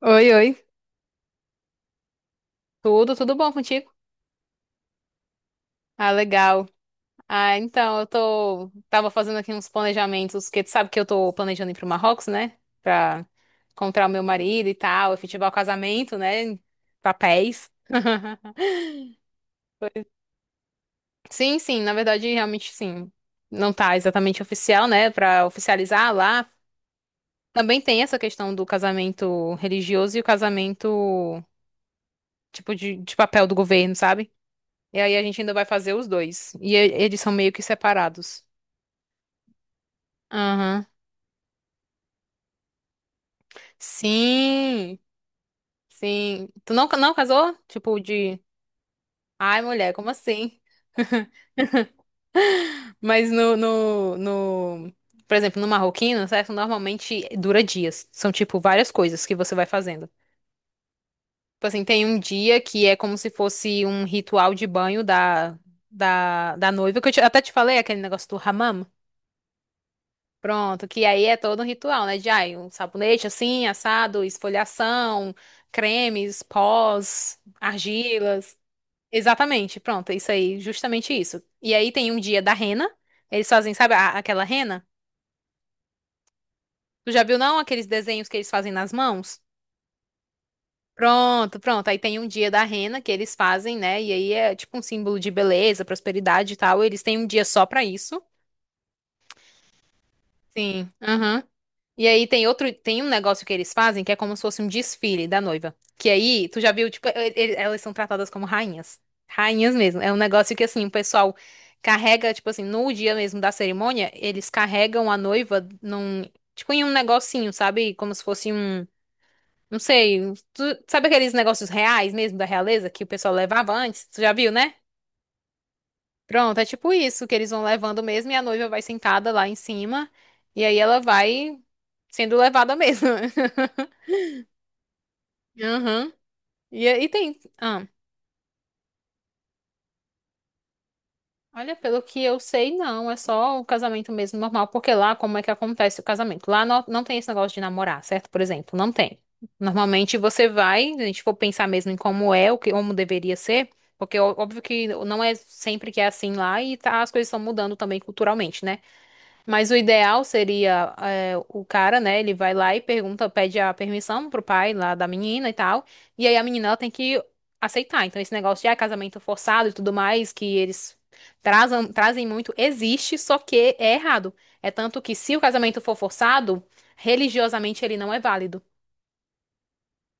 Oi, oi. Tudo, tudo bom contigo? Ah, legal. Ah, então, tava fazendo aqui uns planejamentos, porque tu sabe que eu tô planejando ir pro Marrocos, né? Pra encontrar o meu marido e tal, efetivar o casamento, né? Papéis. Sim, sim, na verdade, realmente, sim. Não tá exatamente oficial, né? Pra oficializar lá. Também tem essa questão do casamento religioso e o casamento, tipo, de papel do governo, sabe? E aí a gente ainda vai fazer os dois. E eles são meio que separados. Aham. Sim, sim. Tu não, não casou? Tipo, de. Ai, mulher, como assim? Mas no. Por exemplo, no marroquino, certo? Normalmente dura dias. São, tipo, várias coisas que você vai fazendo. Tipo assim, tem um dia que é como se fosse um ritual de banho da noiva, que eu até te falei, aquele negócio do hammam. Pronto, que aí é todo um ritual, né? De ai, um sabonete assim, assado, esfoliação, cremes, pós, argilas. Exatamente, pronto, isso aí, justamente isso. E aí tem um dia da rena, eles fazem, sabe, aquela rena? Tu já viu, não, aqueles desenhos que eles fazem nas mãos? Pronto, pronto, aí tem um dia da rena que eles fazem, né? E aí é tipo um símbolo de beleza, prosperidade e tal. Eles têm um dia só pra isso. Sim. Aham. E aí tem outro, tem um negócio que eles fazem que é como se fosse um desfile da noiva. Que aí, tu já viu, tipo, elas são tratadas como rainhas. Rainhas mesmo. É um negócio que assim, o pessoal carrega, tipo assim, no dia mesmo da cerimônia, eles carregam a noiva num, tipo, em um negocinho, sabe? Como se fosse um, não sei, sabe aqueles negócios reais mesmo da realeza que o pessoal levava antes? Tu já viu, né? Pronto, é tipo isso que eles vão levando mesmo e a noiva vai sentada lá em cima e aí ela vai sendo levada mesmo. Aham. E tem. Ah, olha, pelo que eu sei, não. É só o casamento mesmo normal. Porque lá, como é que acontece o casamento? Lá não, não tem esse negócio de namorar, certo? Por exemplo, não tem. Normalmente você vai, se a gente for pensar mesmo em como é, o que, como deveria ser. Porque óbvio que não é sempre que é assim lá e as coisas estão mudando também culturalmente, né? Mas o ideal seria é, o cara, né? Ele vai lá e pergunta, pede a permissão pro pai lá da menina e tal. E aí a menina ela tem que aceitar. Então esse negócio de ah, casamento forçado e tudo mais que eles trazem, trazem muito existe, só que é errado. É tanto que se o casamento for forçado, religiosamente ele não é válido.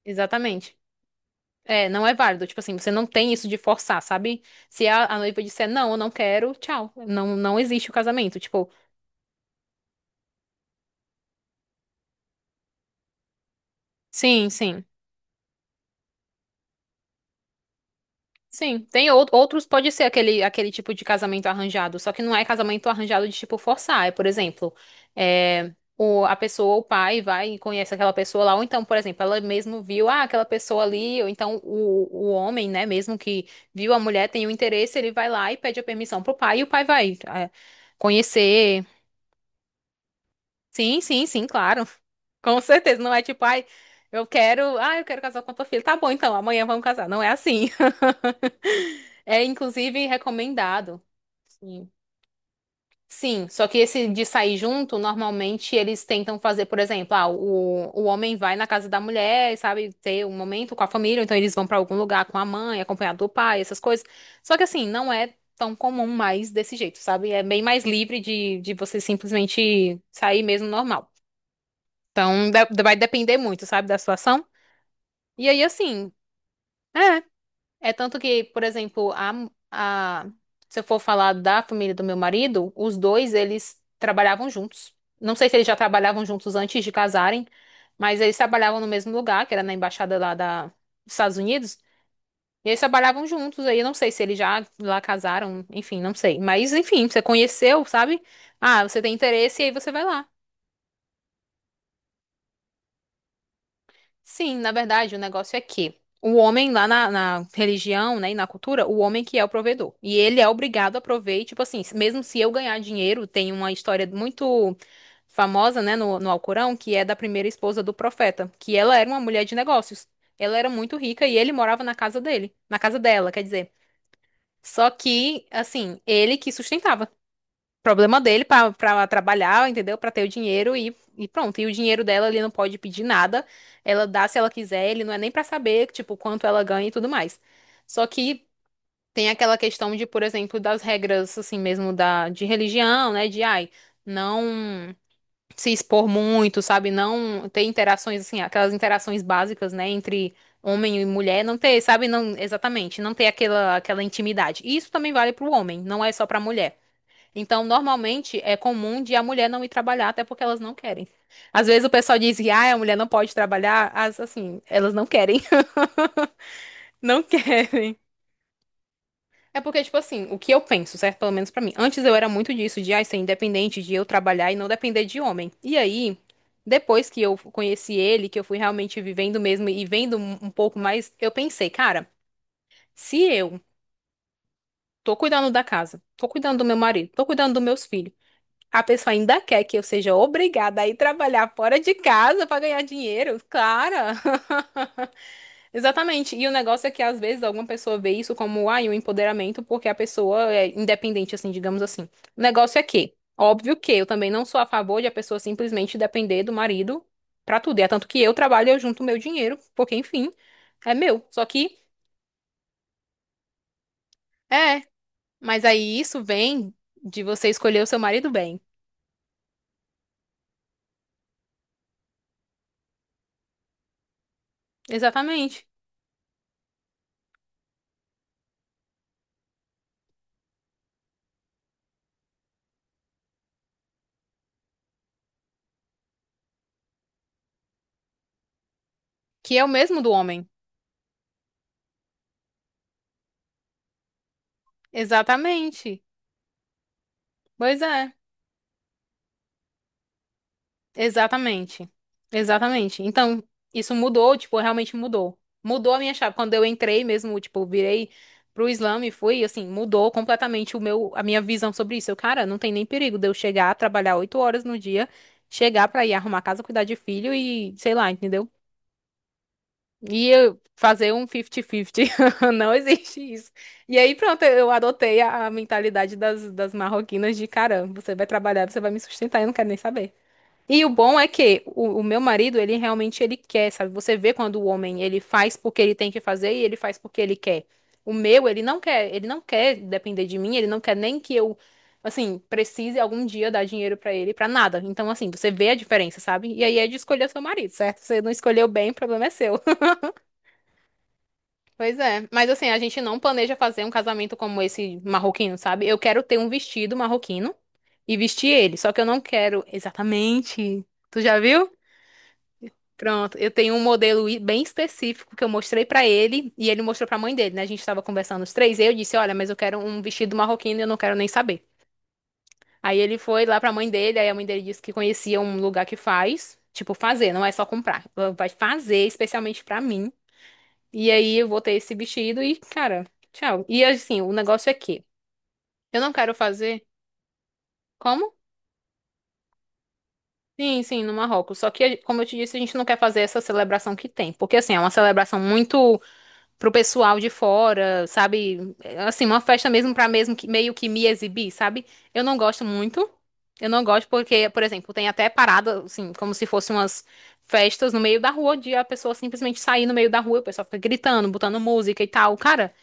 Exatamente. É, não é válido. Tipo assim, você não tem isso de forçar, sabe? Se a noiva disser não, eu não quero, tchau. Não, não existe o casamento. Tipo, sim, sim. Sim, tem outros, pode ser aquele tipo de casamento arranjado, só que não é casamento arranjado de tipo forçar. É, por exemplo, é, a pessoa, o pai, vai e conhece aquela pessoa lá, ou então, por exemplo, ela mesmo viu, ah, aquela pessoa ali, ou então o homem, né, mesmo que viu a mulher, tem o interesse, ele vai lá e pede a permissão pro pai, e o pai vai, é, conhecer. Sim, sim, sim, claro. Com certeza, não é tipo, ai, eu quero, ah, eu quero casar com a tua filha. Tá bom, então, amanhã vamos casar. Não é assim. É inclusive recomendado. Sim. Sim, só que esse de sair junto, normalmente eles tentam fazer, por exemplo, ah, o homem vai na casa da mulher, sabe, ter um momento com a família, ou então eles vão pra algum lugar com a mãe, acompanhado do pai, essas coisas. Só que assim, não é tão comum mais desse jeito, sabe? É bem mais livre de você simplesmente sair mesmo normal. Então, vai depender muito, sabe, da situação. E aí, assim. É. É tanto que, por exemplo, a, se eu for falar da família do meu marido, os dois, eles trabalhavam juntos. Não sei se eles já trabalhavam juntos antes de casarem, mas eles trabalhavam no mesmo lugar, que era na embaixada lá da, dos Estados Unidos. E eles trabalhavam juntos, aí eu não sei se eles já lá casaram, enfim, não sei. Mas, enfim, você conheceu, sabe? Ah, você tem interesse e aí você vai lá. Sim, na verdade, o negócio é que o homem lá na religião, né, e na cultura, o homem que é o provedor. E ele é obrigado a prover, e, tipo assim, mesmo se eu ganhar dinheiro, tem uma história muito famosa, né, no Alcorão, que é da primeira esposa do profeta, que ela era uma mulher de negócios. Ela era muito rica e ele morava na casa dele, na casa dela, quer dizer. Só que, assim, ele que sustentava. Problema dele pra trabalhar, entendeu? Pra ter o dinheiro e pronto. E o dinheiro dela, ele não pode pedir nada. Ela dá se ela quiser, ele não é nem pra saber, tipo, quanto ela ganha e tudo mais. Só que tem aquela questão de, por exemplo, das regras, assim mesmo, de religião, né? De, ai, não se expor muito, sabe? Não ter interações, assim, aquelas interações básicas, né? Entre homem e mulher, não ter, sabe? Não, exatamente, não ter aquela intimidade. E isso também vale pro homem, não é só pra mulher. Então, normalmente é comum de a mulher não ir trabalhar, até porque elas não querem. Às vezes o pessoal diz que ah, a mulher não pode trabalhar, as assim, elas não querem. Não quer. É porque, tipo assim, o que eu penso, certo? Pelo menos pra mim. Antes eu era muito disso, de ai, ser independente, de eu trabalhar e não depender de homem. E aí, depois que eu conheci ele, que eu fui realmente vivendo mesmo e vendo um pouco mais, eu pensei, cara, se eu tô cuidando da casa, tô cuidando do meu marido, tô cuidando dos meus filhos. A pessoa ainda quer que eu seja obrigada a ir trabalhar fora de casa para ganhar dinheiro, cara. Exatamente. E o negócio é que às vezes alguma pessoa vê isso como ai, um empoderamento porque a pessoa é independente, assim, digamos assim. O negócio é que, óbvio que eu também não sou a favor de a pessoa simplesmente depender do marido pra tudo. E é tanto que eu trabalho, e eu junto meu dinheiro, porque enfim, é meu. Só que é, mas aí isso vem de você escolher o seu marido bem. Exatamente. Que é o mesmo do homem. Exatamente. Pois é, exatamente. Exatamente. Então, isso mudou, tipo, realmente mudou. Mudou a minha chave. Quando eu entrei mesmo, tipo, virei pro Islã e fui, assim, mudou completamente o meu, a minha visão sobre isso. Eu, cara, não tem nem perigo de eu chegar, trabalhar oito horas no dia, chegar pra ir arrumar casa, cuidar de filho e, sei lá, entendeu? E eu fazer um 50-50. Não existe isso. E aí, pronto, eu adotei a mentalidade das marroquinas de, cara, você vai trabalhar, você vai me sustentar, eu não quero nem saber. E o bom é que o meu marido, ele realmente ele quer, sabe? Você vê quando o homem ele faz porque ele tem que fazer e ele faz porque ele quer. O meu, ele não quer depender de mim, ele não quer nem que eu, assim, precise algum dia dar dinheiro pra ele pra nada. Então, assim, você vê a diferença, sabe? E aí é de escolher seu marido, certo? Você não escolheu bem, o problema é seu. Pois é, mas assim, a gente não planeja fazer um casamento como esse marroquino, sabe? Eu quero ter um vestido marroquino e vestir ele, só que eu não quero exatamente. Tu já viu? Pronto, eu tenho um modelo bem específico que eu mostrei pra ele e ele mostrou pra mãe dele, né? A gente tava conversando os três e eu disse: "Olha, mas eu quero um vestido marroquino, e eu não quero nem saber". Aí ele foi lá pra mãe dele, aí a mãe dele disse que conhecia um lugar que faz, tipo fazer, não é só comprar. Ela vai fazer especialmente pra mim. E aí eu vou ter esse vestido e, cara, tchau. E assim, o negócio é que eu não quero fazer como? Sim, sim, no Marrocos. Só que, como eu te disse, a gente não quer fazer essa celebração que tem, porque assim, é uma celebração muito pro pessoal de fora, sabe? Assim, uma festa mesmo pra mesmo que meio que me exibir, sabe? Eu não gosto muito. Eu não gosto porque, por exemplo, tem até parada, assim, como se fossem umas festas no meio da rua, onde a pessoa simplesmente sair no meio da rua, o pessoal fica gritando, botando música e tal. Cara,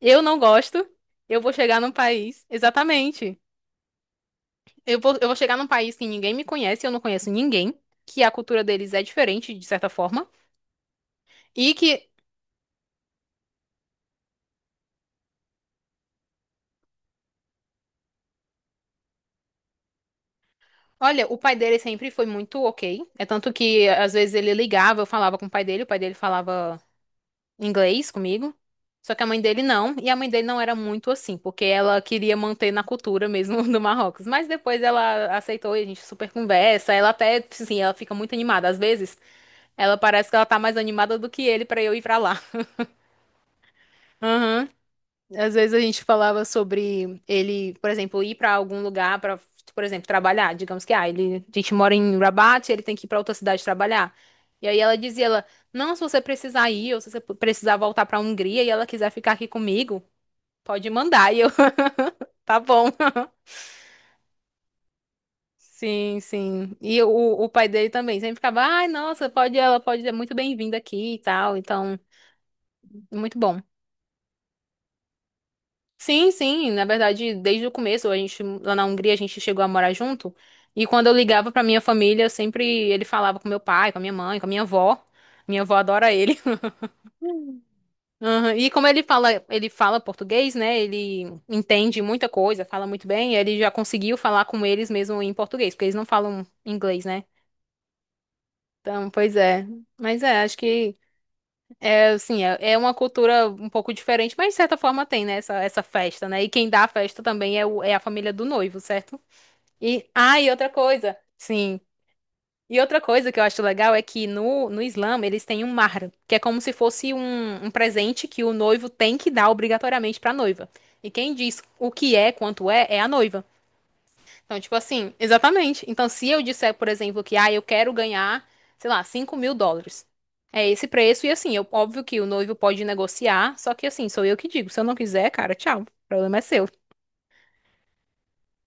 eu não gosto. Eu vou chegar num país, exatamente. Eu vou chegar num país que ninguém me conhece, eu não conheço ninguém, que a cultura deles é diferente, de certa forma. E que Olha, o pai dele sempre foi muito ok. É tanto que às vezes ele ligava, eu falava com o pai dele falava inglês comigo. Só que a mãe dele não, e a mãe dele não era muito assim, porque ela queria manter na cultura mesmo do Marrocos. Mas depois ela aceitou e a gente super conversa. Ela até, assim, ela fica muito animada. Às vezes, ela parece que ela tá mais animada do que ele pra eu ir pra lá. Às vezes a gente falava sobre ele, por exemplo, ir para algum lugar para, por exemplo, trabalhar. Digamos que ah, ele, a gente mora em Rabat, ele tem que ir para outra cidade trabalhar. E aí ela dizia, ela, não, se você precisar ir, ou se você precisar voltar para a Hungria e ela quiser ficar aqui comigo, pode mandar. E eu, tá bom. Sim, sim. O pai dele também sempre ficava, ai, nossa, pode, ela pode ser muito bem-vinda aqui e tal. Então, muito bom. Sim, sim, na verdade, desde o começo, a gente lá na Hungria a gente chegou a morar junto, e quando eu ligava pra minha família, eu sempre ele falava com meu pai, com a minha mãe, com a minha avó. Minha avó adora ele. Aham, e como ele fala português, né? Ele entende muita coisa, fala muito bem, e ele já conseguiu falar com eles mesmo em português, porque eles não falam inglês, né? Então, pois é. Mas é, acho que é assim, é uma cultura um pouco diferente, mas de certa forma tem, né, essa festa, né? E quem dá a festa também é a família do noivo, certo? E, ah, e outra coisa, sim. E outra coisa que eu acho legal é que no Islã eles têm um mahar, que é como se fosse um presente que o noivo tem que dar obrigatoriamente pra noiva. E quem diz o que é, quanto é, é a noiva. Então, tipo assim, exatamente. Então, se eu disser, por exemplo, que ah, eu quero ganhar, sei lá, 5.000 dólares. É esse preço, e assim, eu, óbvio que o noivo pode negociar, só que assim, sou eu que digo. Se eu não quiser, cara, tchau. O problema é seu.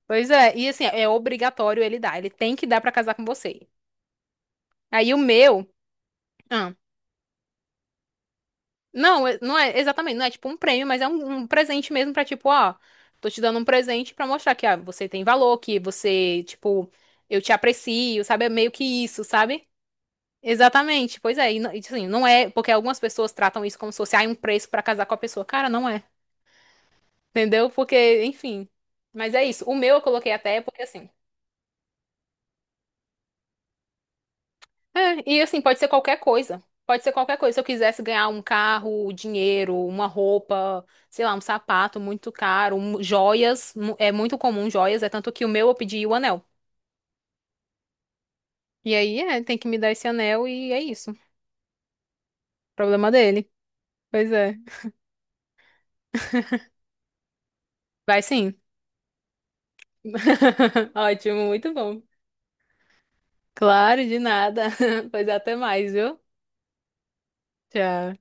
Pois é, e assim, é obrigatório ele dar. Ele tem que dar pra casar com você. Aí o meu. Ah, não, é- não é exatamente, não é tipo um prêmio, mas é um presente mesmo pra tipo, ó, tô te dando um presente pra mostrar que ah, você tem valor, que você, tipo, eu te aprecio, sabe? É meio que isso, sabe? Exatamente, pois é. E, não- e, tipo assim, não é, porque algumas pessoas tratam isso como se fosse, ah, um preço pra casar com a pessoa. Cara, não é. Entendeu? Porque, enfim. Mas é isso. O meu eu coloquei até porque assim. É, e assim, pode ser qualquer coisa. Pode ser qualquer coisa. Se eu quisesse ganhar um carro, dinheiro, uma roupa, sei lá, um sapato muito caro, um- joias, mu- é muito comum joias, é tanto que o meu eu pedi o anel. E aí, é, tem que me dar esse anel e é isso. Problema dele. Pois é. Vai sim. Ótimo, muito bom. Claro, de nada. Pois até mais, viu? Tchau.